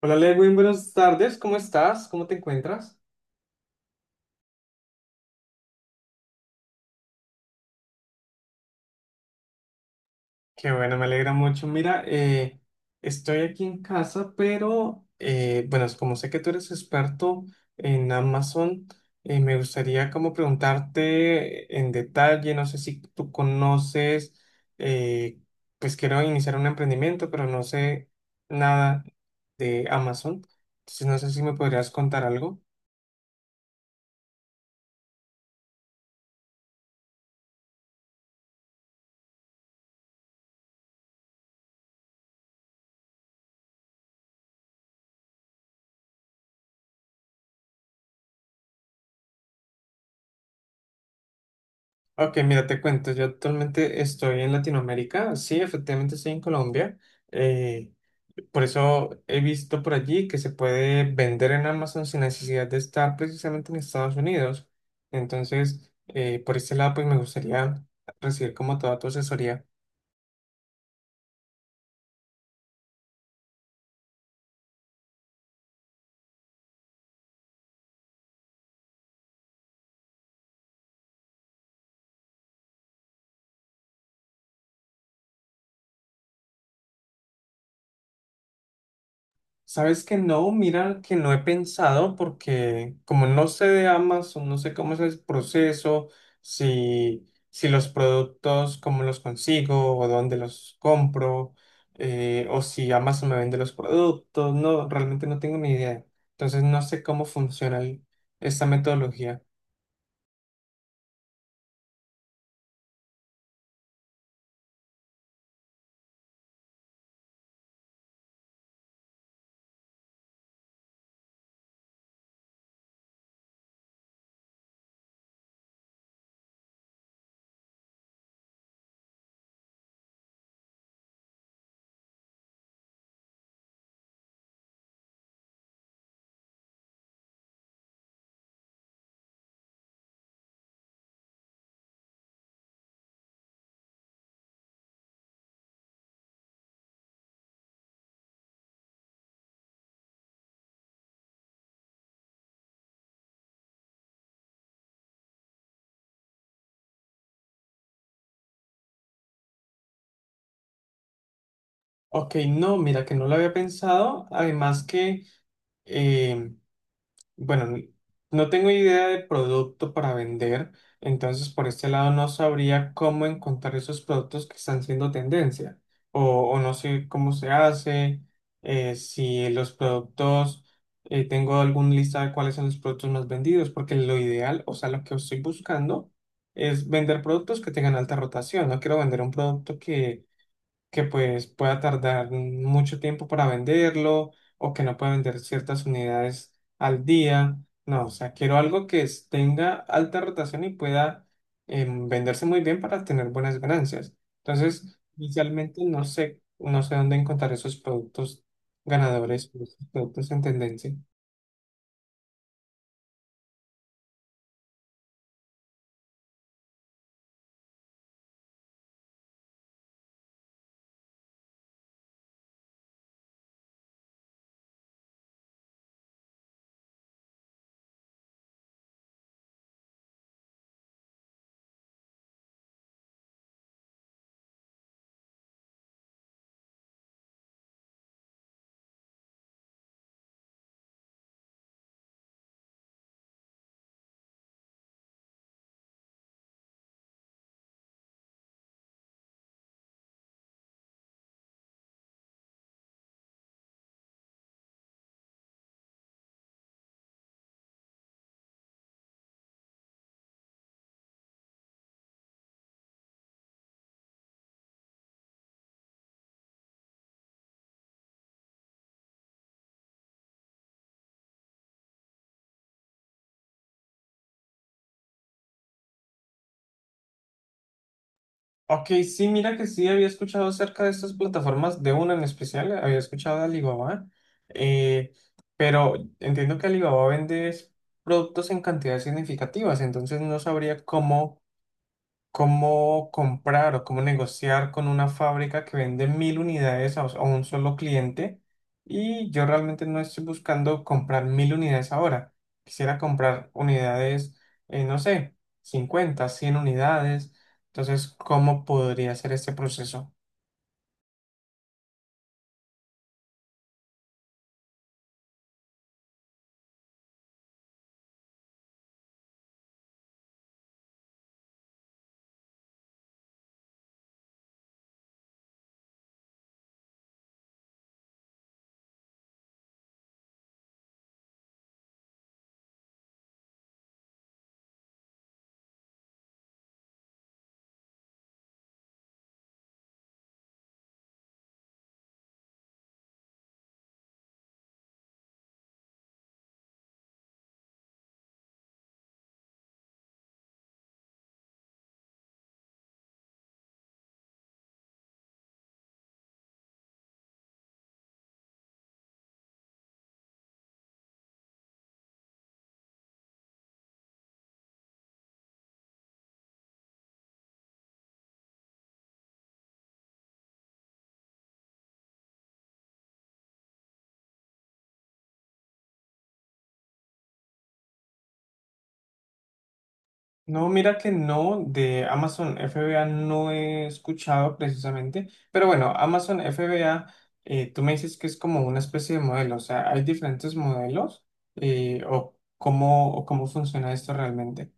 Hola Lewin, buenas tardes, ¿cómo estás? ¿Cómo te encuentras? Qué bueno, me alegra mucho. Mira, estoy aquí en casa, pero bueno, es como sé que tú eres experto en Amazon. Me gustaría como preguntarte en detalle, no sé si tú conoces. eh, pues quiero iniciar un emprendimiento, pero no sé nada de Amazon, entonces no sé si me podrías contar algo. Ok, mira, te cuento, yo actualmente estoy en Latinoamérica, sí, efectivamente estoy en Colombia. eh, por eso he visto por allí que se puede vender en Amazon sin necesidad de estar precisamente en Estados Unidos. Entonces, por este lado, pues me gustaría recibir como toda tu asesoría. Sabes que no, mira que no he pensado porque como no sé de Amazon, no sé cómo es el proceso. Si los productos, cómo los consigo o dónde los compro, o si Amazon me vende los productos, no, realmente no tengo ni idea. Entonces no sé cómo funciona esta metodología. Ok, no, mira que no lo había pensado, además que... em, Bueno, n- no tengo idea de producto para vender, entonces por este lado no sabría cómo encontrar esos productos que están siendo tendencia, o, o no sé cómo se hace. Si los productos, tengo algún lista de cuáles son los productos más vendidos, porque lo ideal, o sea, lo que estoy buscando es vender productos que tengan alta rotación. No quiero vender un producto que pues pueda tardar mucho tiempo para venderlo, o que no pueda vender ciertas unidades al día. No, o sea, quiero algo que tenga alta rotación y pueda venderse muy bien para tener buenas ganancias. Entonces, inicialmente no sé, no sé dónde encontrar esos productos ganadores, esos productos en tendencia. Ok, sí, mira que sí había escuchado acerca de estas plataformas, de una en especial, había escuchado de Alibaba, eh, pero entiendo que Alibaba vende es productos en cantidades significativas, entonces no sabría cómo comprar o cómo negociar con una fábrica que vende 1.000 unidades a un solo cliente, y yo realmente no estoy buscando comprar 1.000 unidades ahora. Quisiera comprar unidades, no sé, 50, 100 unidades. Entonces, ¿cómo podría ser este proceso? No, mira que no, de Amazon FBA no he escuchado precisamente, pero bueno, Amazon FBA, tú me dices que es como una especie de modelo, o sea, hay diferentes modelos. O cómo, o cómo funciona esto realmente.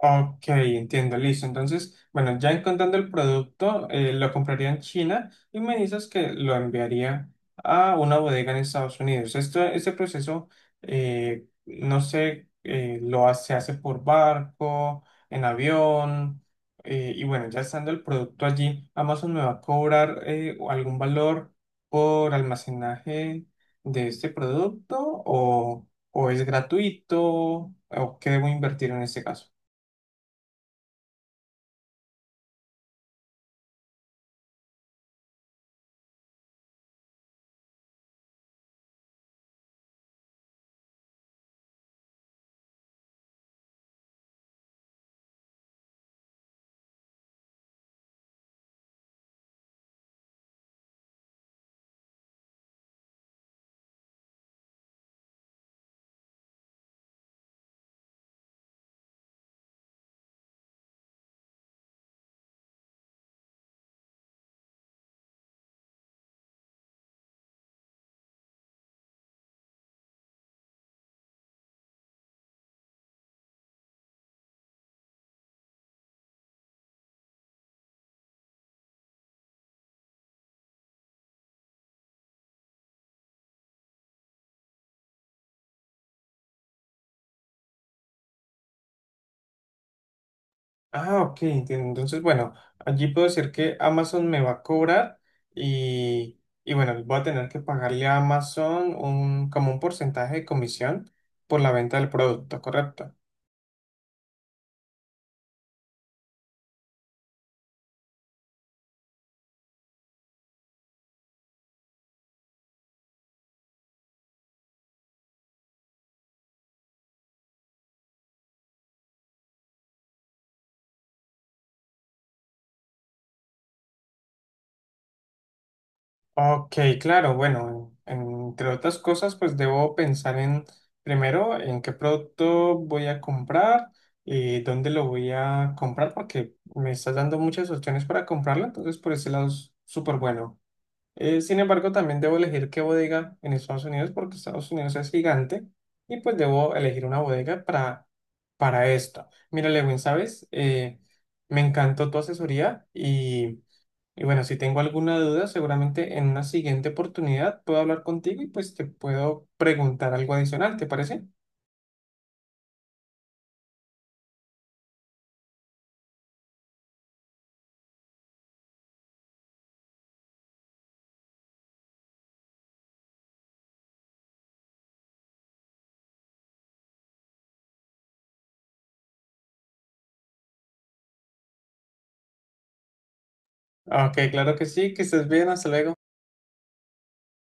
Ok, entiendo, listo. Entonces, bueno, ya encontrando el producto, lo compraría en China y me dices que lo enviaría a una bodega en Estados Unidos. Esto, este proceso, no sé, lo hace, se hace por barco, en avión, y bueno, ya estando el producto allí, Amazon me va a cobrar algún valor por almacenaje de este producto, o es gratuito, o qué debo invertir en este caso. Ah, ok, entiendo. Entonces, bueno, allí puedo decir que Amazon me va a cobrar y bueno, voy a tener que pagarle a Amazon un, como un porcentaje de comisión por la venta del producto, ¿correcto? Ok, claro, bueno, entre otras cosas, pues debo pensar en, primero, en qué producto voy a comprar y dónde lo voy a comprar, porque me estás dando muchas opciones para comprarlo, entonces por ese lado es súper bueno. Sin embargo, también debo elegir qué bodega en Estados Unidos porque Estados Unidos es gigante y pues debo elegir una bodega para esto. Mira, Lewin, ¿sabes? Me encantó tu asesoría y bueno, si tengo alguna duda, seguramente en una siguiente oportunidad puedo hablar contigo y pues te puedo preguntar algo adicional, ¿te parece? Ok, claro que sí, que estés bien, hasta luego.